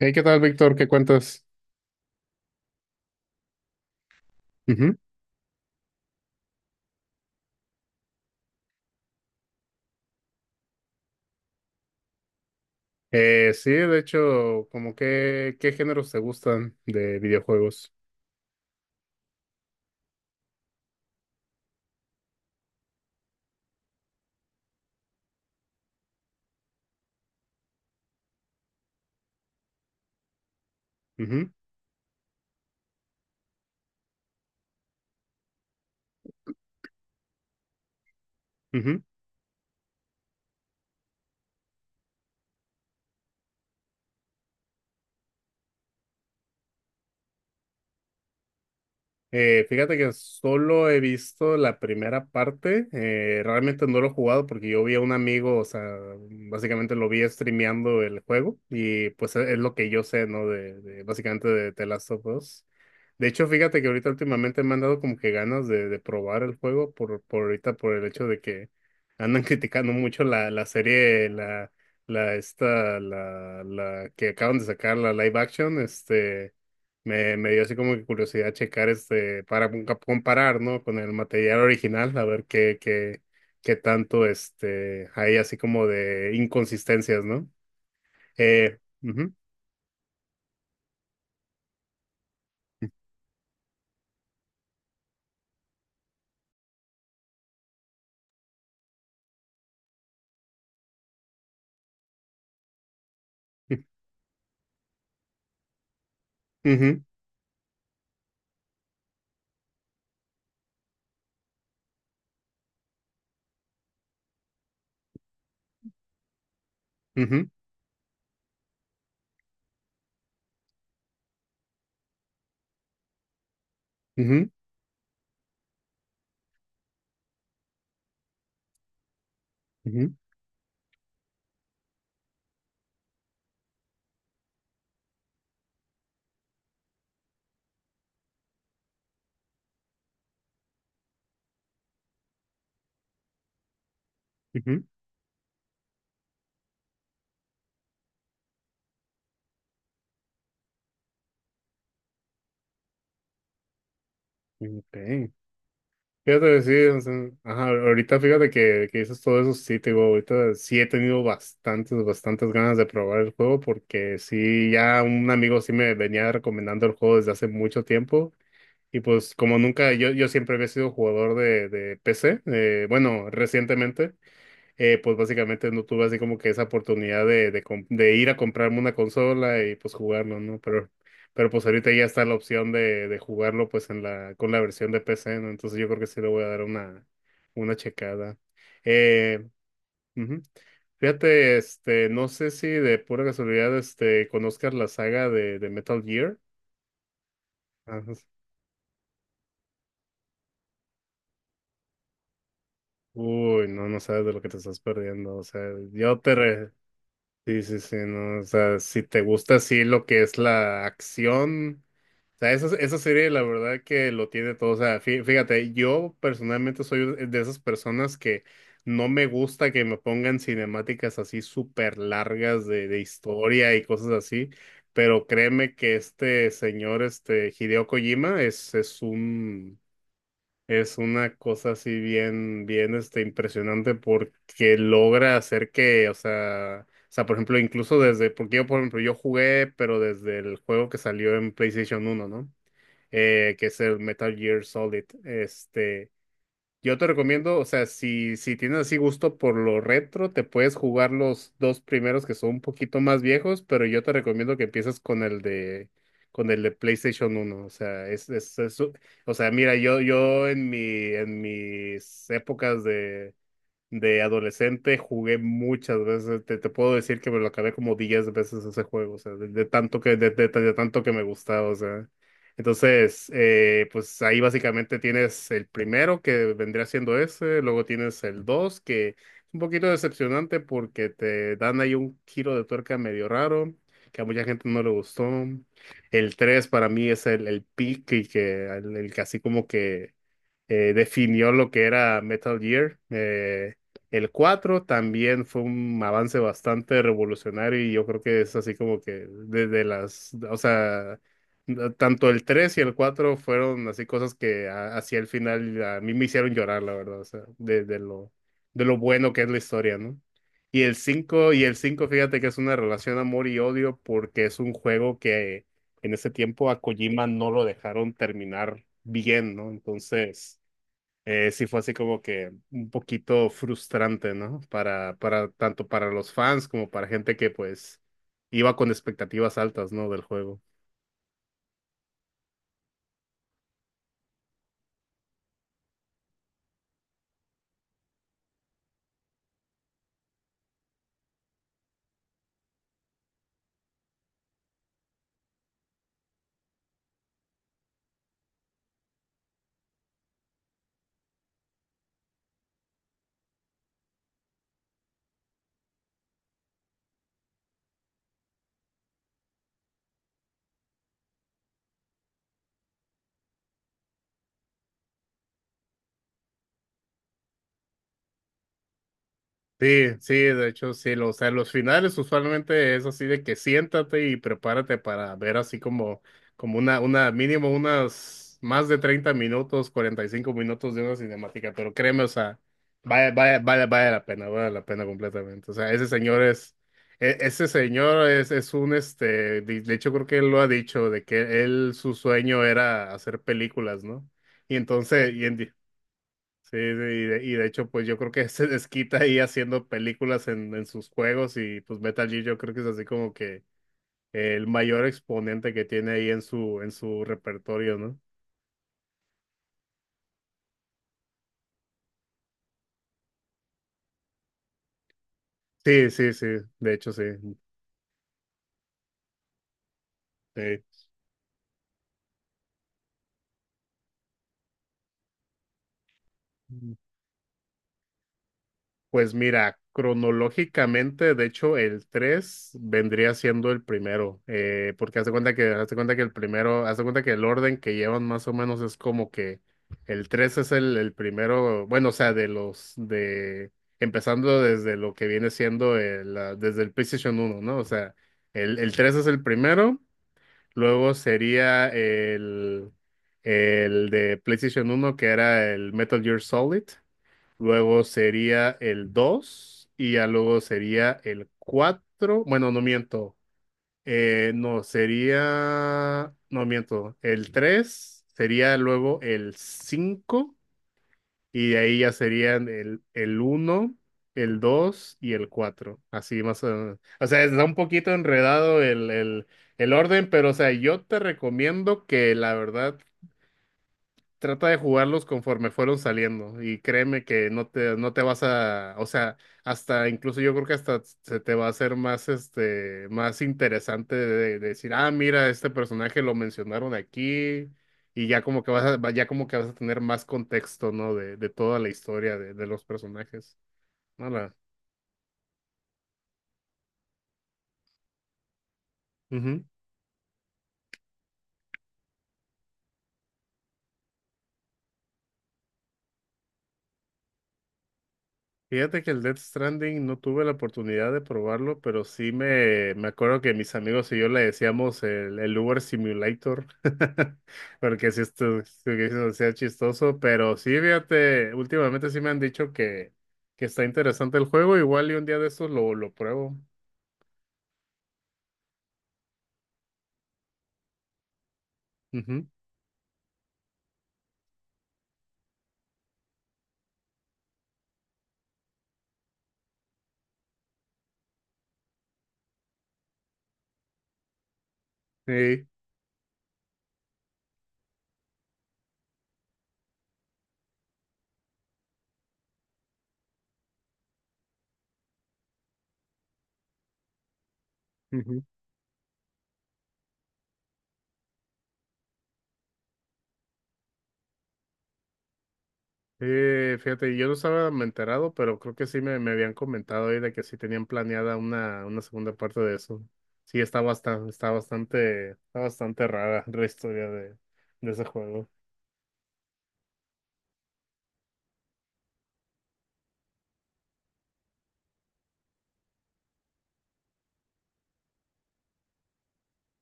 Hey, ¿qué tal, Víctor? ¿Qué cuentas? Ujú. Sí, de hecho, como que, ¿qué géneros te gustan de videojuegos? Ujú, ujú. Fíjate que solo he visto la primera parte, realmente no lo he jugado porque yo vi a un amigo, o sea, básicamente lo vi streameando el juego y pues es lo que yo sé, ¿no? Básicamente de The Last of Us. De hecho, fíjate que ahorita últimamente me han dado como que ganas de probar el juego por ahorita por el hecho de que andan criticando mucho la serie, la esta, la que acaban de sacar, la live action, me dio así como que curiosidad checar para comparar, ¿no? Con el material original, a ver qué, qué tanto hay así como de inconsistencias, ¿no? Ujú, ujú, ujú, ujú, ujú, ujú. Ok. Fíjate que sí, o sea, ajá, ahorita fíjate que dices todo eso, sí, te digo, ahorita sí he tenido bastantes, bastantes ganas de probar el juego porque sí, ya un amigo sí me venía recomendando el juego desde hace mucho tiempo y pues como nunca, yo siempre había sido jugador de PC, bueno, recientemente pues básicamente no tuve así como que esa oportunidad de ir a comprarme una consola y pues jugarlo, ¿no? Pero pues ahorita ya está la opción de jugarlo pues con la versión de PC, ¿no? Entonces yo creo que sí le voy a dar una checada. Eh, Ujú. Fíjate, no sé si de pura casualidad, conozcas la saga de Metal Gear. Ajá. Uy, no, no sabes de lo que te estás perdiendo. O sea, yo te, re- sí, sí, sí, no, o sea, si te gusta así lo que es la acción, o sea, esa serie la verdad que lo tiene todo, o sea, fíjate, yo personalmente soy de esas personas que no me gusta que me pongan cinemáticas así súper largas de historia y cosas así, pero créeme que este señor, este Hideo Kojima, es una cosa así bien, bien, impresionante porque logra hacer que, o sea, por ejemplo, incluso desde, porque yo, por ejemplo, yo jugué, pero desde el juego que salió en PlayStation 1, ¿no? Que es el Metal Gear Solid. Yo te recomiendo, o sea, si tienes así gusto por lo retro, te puedes jugar los dos primeros que son un poquito más viejos, pero yo te recomiendo que empieces con el de PlayStation 1. O sea, mira, yo en en mis épocas de adolescente, jugué muchas veces. Te puedo decir que me lo acabé como 10 veces ese juego, o sea, de tanto que, de tanto que me gustaba, o sea. Entonces, pues ahí básicamente tienes el primero que vendría siendo ese, luego tienes el dos, que es un poquito decepcionante porque te dan ahí un giro de tuerca medio raro, que a mucha gente no le gustó. El tres para mí es el pick y que el que así como que definió lo que era Metal Gear. El 4 también fue un avance bastante revolucionario y yo creo que es así como que desde las, o sea, tanto el 3 y el 4 fueron así cosas que hacia el final a mí me hicieron llorar, la verdad, o sea, de lo bueno que es la historia, ¿no? Y el cinco fíjate que es una relación amor y odio porque es un juego que en ese tiempo a Kojima no lo dejaron terminar bien, ¿no? Entonces, sí fue así como que un poquito frustrante, ¿no? Tanto para los fans como para gente que pues iba con expectativas altas, ¿no? Del juego. Sí, sí, de hecho sí, o sea, los finales usualmente es así de que siéntate y prepárate para ver así como, mínimo unas más de 30 minutos, 45 minutos de una cinemática, pero créeme, o sea, vale la pena, vale la pena completamente. O sea, ese señor de hecho creo que él lo ha dicho, de que él, su sueño era hacer películas, ¿no? Y entonces, sí, sí, y de hecho, pues yo creo que se desquita ahí haciendo películas en sus juegos y pues Metal Gear yo creo que es así como que el mayor exponente que tiene ahí en su repertorio, ¿no? Sí, sí, sí, de hecho sí, sí. Pues mira, cronológicamente, de hecho, el 3 vendría siendo el primero, porque hace cuenta que el orden que llevan más o menos es como que el 3 es el primero, bueno, o sea, empezando desde lo que viene siendo desde el PlayStation 1, ¿no? O sea, el 3 es el primero, luego sería el de PlayStation uno que era el Metal Gear Solid. Luego sería el 2 y ya luego sería el cuatro. Bueno, no miento. No, sería. No miento. El 3 sería luego el 5 y de ahí ya serían el uno, el 2 y el cuatro. Así más o menos. O sea, está un poquito enredado el orden, pero o sea, yo te recomiendo que la verdad trata de jugarlos conforme fueron saliendo y créeme que no te vas a, o sea, hasta incluso yo creo que hasta se te va a hacer más, más interesante de decir, ah, mira, este personaje lo mencionaron aquí y ya como que vas a tener más contexto, ¿no? De toda la historia de los personajes. Hola. Fíjate que el Death Stranding no tuve la oportunidad de probarlo, pero sí me acuerdo que mis amigos y yo le decíamos el Uber Simulator, porque sí esto sí que eso sea chistoso, pero sí, fíjate, últimamente sí me han dicho que está interesante el juego, igual y un día de estos lo pruebo. Ujú, sí. Fíjate, yo no estaba enterado, pero creo que sí me habían comentado ahí de que sí tenían planeada una segunda parte de eso. Sí, está bastante rara la historia de ese juego.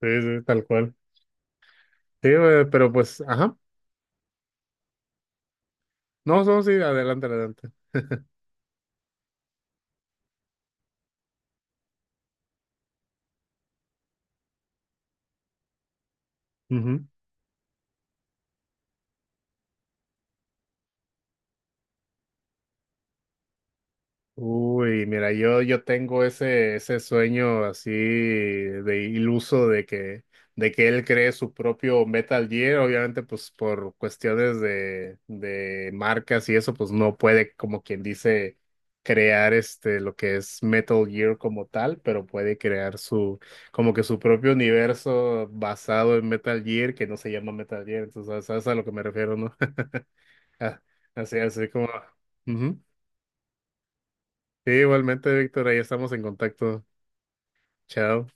Sí, sí, tal cual. Sí, pero pues, ajá. No, no, sí, adelante, adelante. Uy, mira, yo tengo ese sueño así de iluso de que él cree su propio Metal Gear. Obviamente, pues por cuestiones de marcas y eso, pues no puede, como quien dice, crear lo que es Metal Gear como tal, pero puede crear su, como que su propio universo basado en Metal Gear, que no se llama Metal Gear. Entonces, ¿sabes a lo que me refiero, no? Así, así como. Ujú. Sí, igualmente, Víctor, ahí estamos en contacto. Chao.